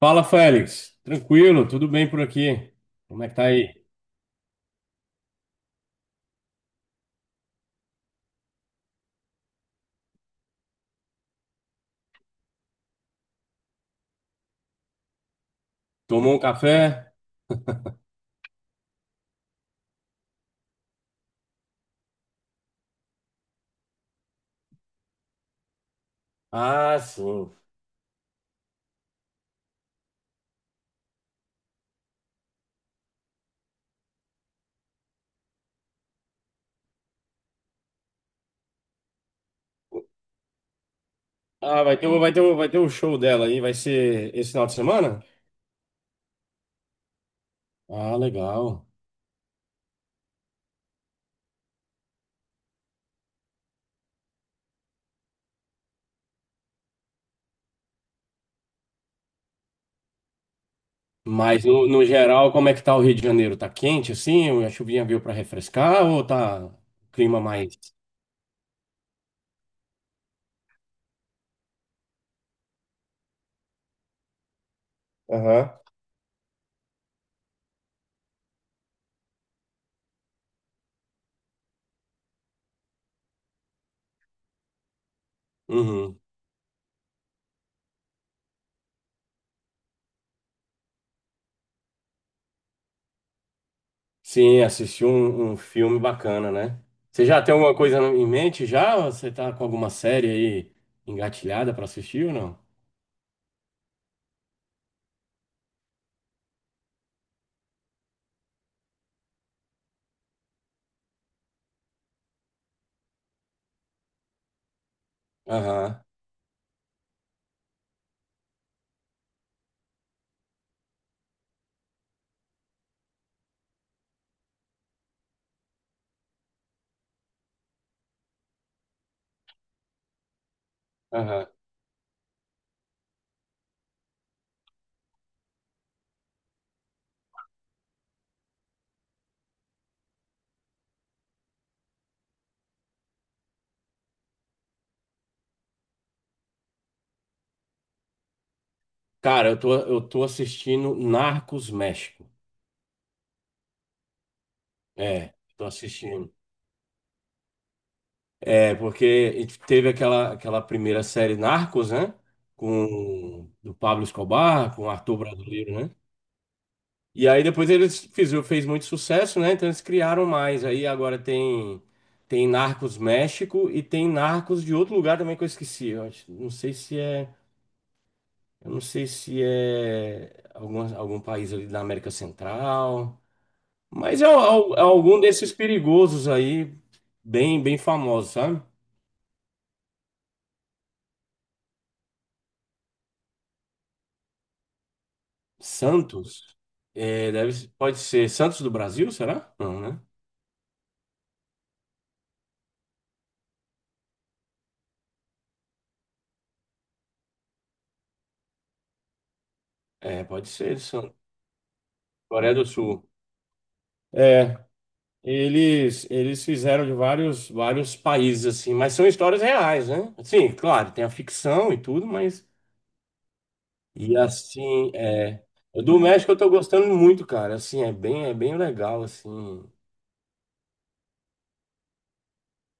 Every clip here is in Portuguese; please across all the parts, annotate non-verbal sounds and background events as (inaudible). Fala, Félix. Tranquilo, tudo bem por aqui? Como é que tá aí? Tomou um café? Ah, sim. Ah, vai ter, vai ter o show dela aí, vai ser esse final de semana? Ah, legal. Mas no geral, como é que tá o Rio de Janeiro? Tá quente assim? A chuvinha veio pra refrescar ou tá um clima mais? Aham. Uhum. Sim, assisti um filme bacana, né? Você já tem alguma coisa em mente já? Ou Você tá com alguma série aí engatilhada pra assistir ou não? Aham, aham. Cara, eu tô assistindo Narcos México. É, tô assistindo. É, porque teve aquela primeira série Narcos, né? Com do Pablo Escobar, com o Arthur Brasileiro, né? E aí depois eles fizeram, fez muito sucesso, né? Então eles criaram mais. Aí agora tem Narcos México e tem Narcos de outro lugar também que eu esqueci. Não sei se é, eu não sei se é algum país ali da América Central. Mas é, é algum desses perigosos aí, bem famosos, sabe? Santos. É, deve, pode ser Santos do Brasil, será? Não, né? É, pode ser Santos. Coreia do Sul. É, eles fizeram de vários países assim, mas são histórias reais, né? Sim, claro, tem a ficção e tudo, mas e assim, é, o do México eu tô gostando muito, cara. Assim, é bem legal assim.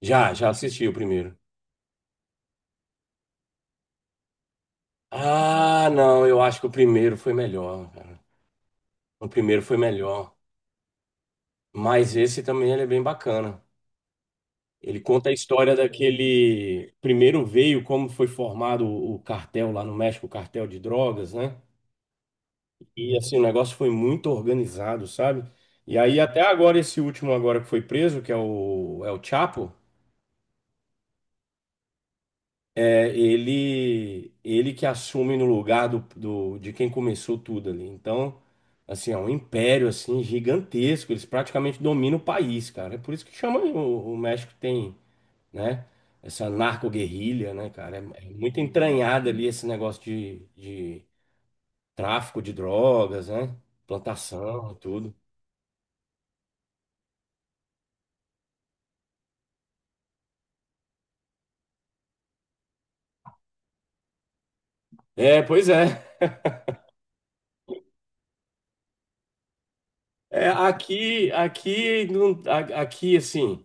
Já, já assisti o primeiro. Ah, não, eu acho que o primeiro foi melhor, cara. O primeiro foi melhor. Mas esse também ele é bem bacana. Ele conta a história daquele. Primeiro veio como foi formado o cartel lá no México, o cartel de drogas, né? E assim, o negócio foi muito organizado, sabe? E aí, até agora, esse último agora que foi preso, que é é o Chapo. É, ele que assume no lugar do, de quem começou tudo ali. Então, assim, é um império assim gigantesco, eles praticamente dominam o país, cara. É por isso que chama o México tem, né, essa narco-guerrilha, né, cara? É, é muito entranhado ali esse negócio de tráfico de drogas, né? Plantação, tudo. É, pois é. É, aqui, aqui, assim.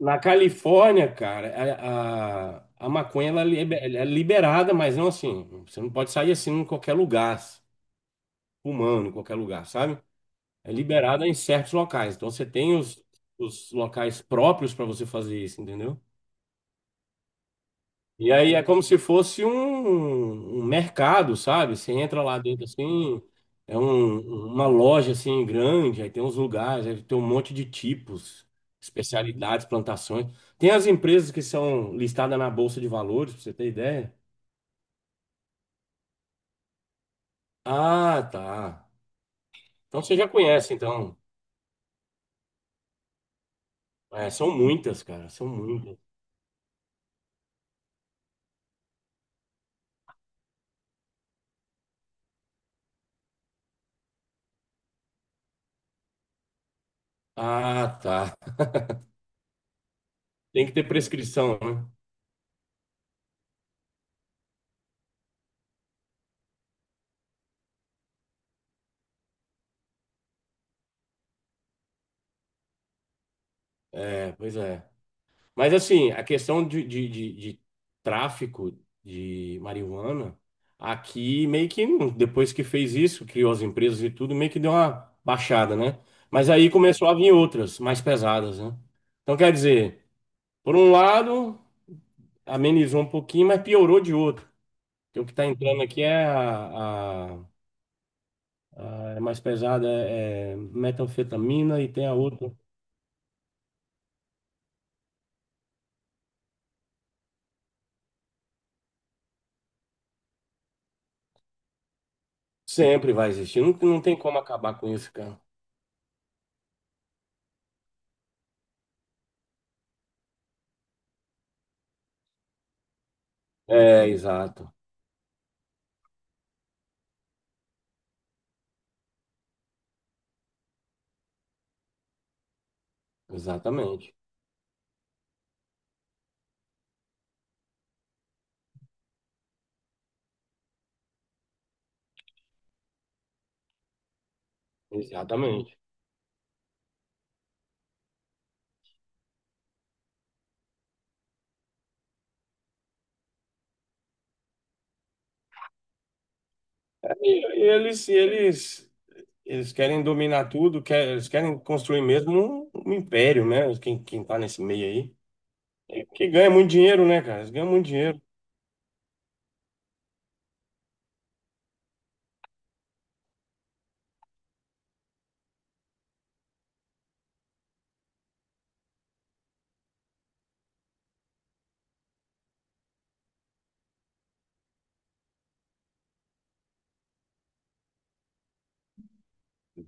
Na Califórnia, cara, a maconha ela é liberada, mas não assim. Você não pode sair assim em qualquer lugar, fumando em qualquer lugar, sabe? É liberada em certos locais. Então você tem os locais próprios para você fazer isso, entendeu? E aí é como se fosse um mercado, sabe? Você entra lá dentro assim, é um- uma loja assim grande, aí tem uns lugares, aí tem um monte de tipos, especialidades, plantações. Tem as empresas que são listadas na Bolsa de Valores, pra você ter ideia. Ah, tá. Então você já conhece, então. É, são muitas, cara, são muitas. Ah, tá. Tem que ter prescrição, né? É, pois é. Mas assim, a questão de tráfico de marihuana, aqui meio que depois que fez isso, criou as empresas e tudo, meio que deu uma baixada, né? Mas aí começou a vir outras, mais pesadas, né? Então quer dizer, por um lado, amenizou um pouquinho, mas piorou de outro. Porque o que está entrando aqui é é mais pesada, é, é metanfetamina e tem a outra. Sempre vai existir, não tem como acabar com isso, cara. É, exato. Exatamente, exatamente. E eles querem dominar tudo, eles querem construir mesmo um império, né? Quem tá nesse meio aí. É que ganha muito dinheiro, né, cara? Eles ganham muito dinheiro.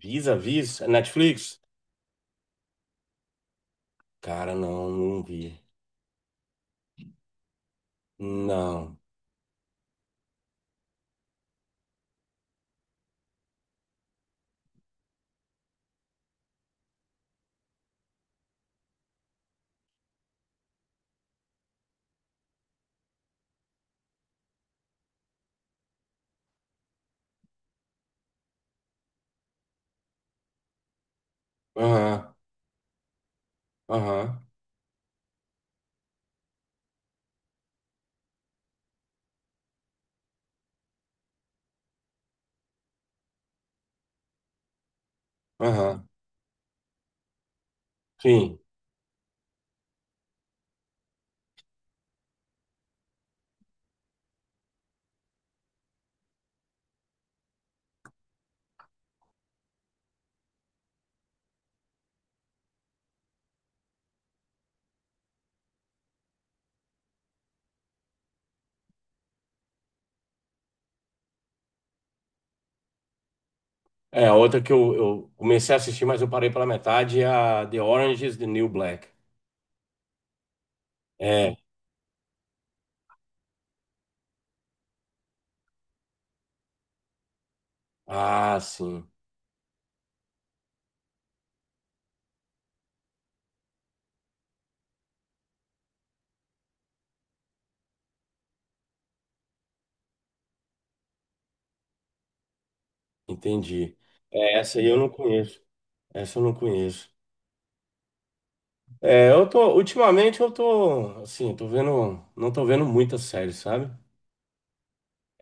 Visa, Netflix? Cara, não vi. Não. Aham, aham, aham. Sim. É, a outra que eu comecei a assistir, mas eu parei pela metade, é a The Orange is the New Black. É. Ah, sim. Entendi. É, essa aí eu não conheço. Essa eu não conheço. É, ultimamente eu tô, assim, tô vendo, não tô vendo muitas séries, sabe?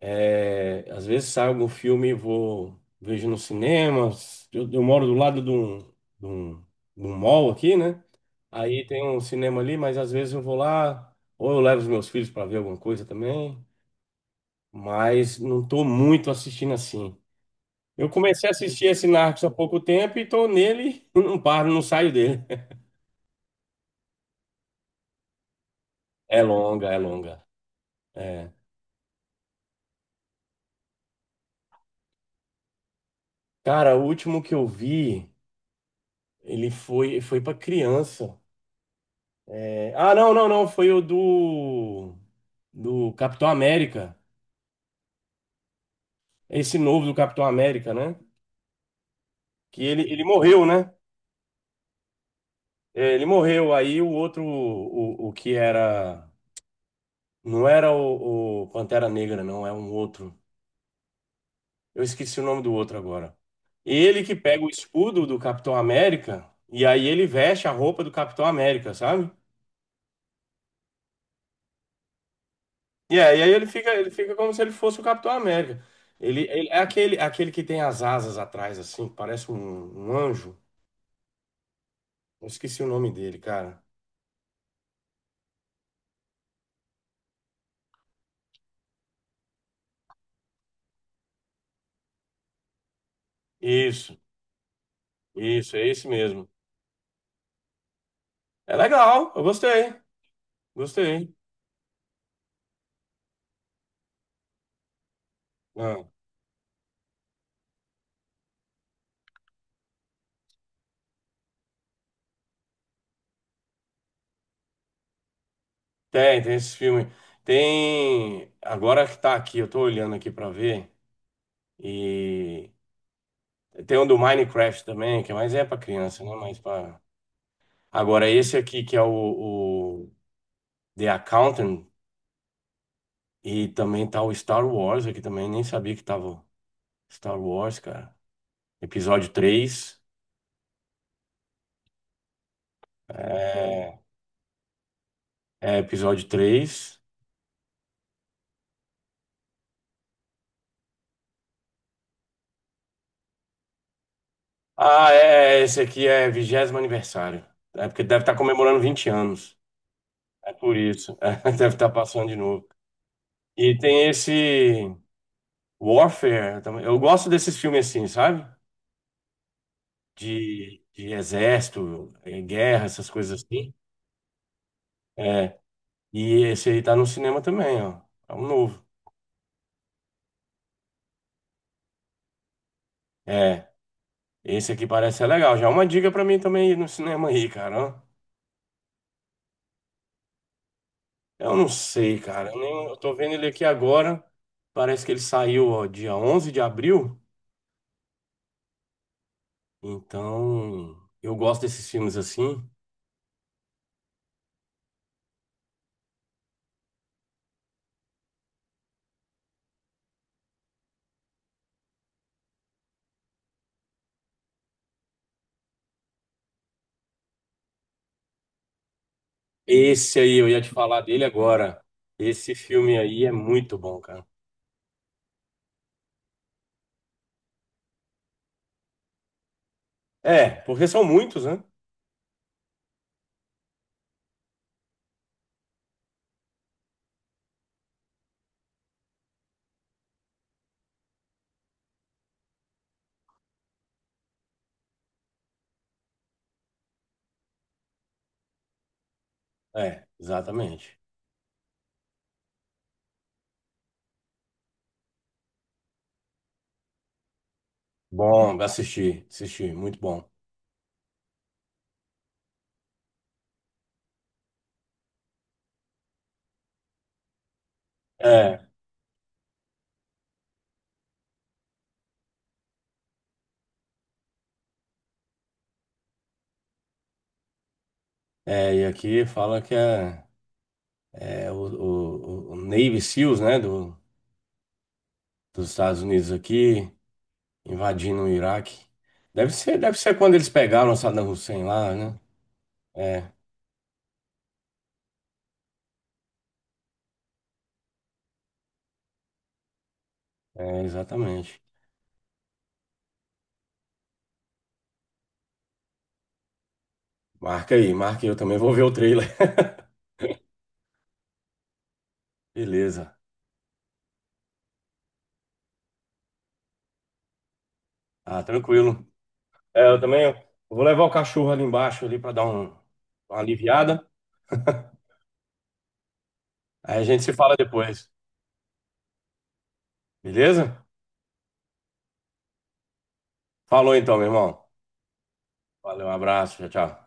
É, às vezes sai algum filme e vou, vejo no cinema. Eu moro do lado de de um, de um mall aqui, né? Aí tem um cinema ali, mas às vezes eu vou lá, ou eu levo os meus filhos para ver alguma coisa também, mas não tô muito assistindo assim. Eu comecei a assistir esse Narcos há pouco tempo e tô nele (laughs) e não paro, não saio dele. (laughs) É longa, é longa. É. Cara, o último que eu vi, ele foi para criança. É, ah, não, foi o do Capitão América. Esse novo do Capitão América, né? Que ele morreu, né? É, ele morreu. Aí o outro, o que era. Não era o Pantera Negra, não, é um outro. Eu esqueci o nome do outro agora. Ele que pega o escudo do Capitão América e aí ele veste a roupa do Capitão América, sabe? E é, e aí ele fica como se ele fosse o Capitão América. Ele é aquele que tem as asas atrás, assim, parece um anjo. Eu esqueci o nome dele, cara. Isso, isso, é esse mesmo. É legal, eu gostei, gostei. Ah, tem, tem esse filme. Tem. Agora que tá aqui, eu tô olhando aqui pra ver. E tem um do Minecraft também, que é mais é pra criança, né? Mas pra... Agora, esse aqui que é o The Accountant. E também tá o Star Wars aqui também, nem sabia que tava o Star Wars, cara. Episódio 3. É, é episódio 3. Ah, é, esse aqui é vigésimo aniversário. É porque deve estar comemorando 20 anos. É por isso. (laughs) É, deve estar passando de novo. E tem esse Warfare também. Eu gosto desses filmes assim, sabe? De exército, eh, guerra, essas coisas assim. É. E esse aí tá no cinema também, ó. É um novo. É. Esse aqui parece ser legal. Já é uma dica pra mim também ir no cinema aí, cara. Ó. Eu não sei, cara. Eu, nem, eu tô vendo ele aqui agora. Parece que ele saiu, ó, dia 11 de abril. Então, eu gosto desses filmes assim. Esse aí, eu ia te falar dele agora. Esse filme aí é muito bom, cara. É, porque são muitos, né? É, exatamente. Bom, assisti, assisti, muito bom. É, e aqui fala que é, é o Navy Seals, né? Do, dos Estados Unidos aqui, invadindo o Iraque. Deve ser quando eles pegaram o Saddam Hussein lá, né? É, exatamente. Marca aí, eu também vou ver o trailer. (laughs) Beleza. Ah, tranquilo. É, eu também eu vou levar o cachorro ali embaixo ali para dar uma aliviada. Aí a gente se fala depois. Beleza? Falou então, meu irmão. Valeu, um abraço, tchau, tchau.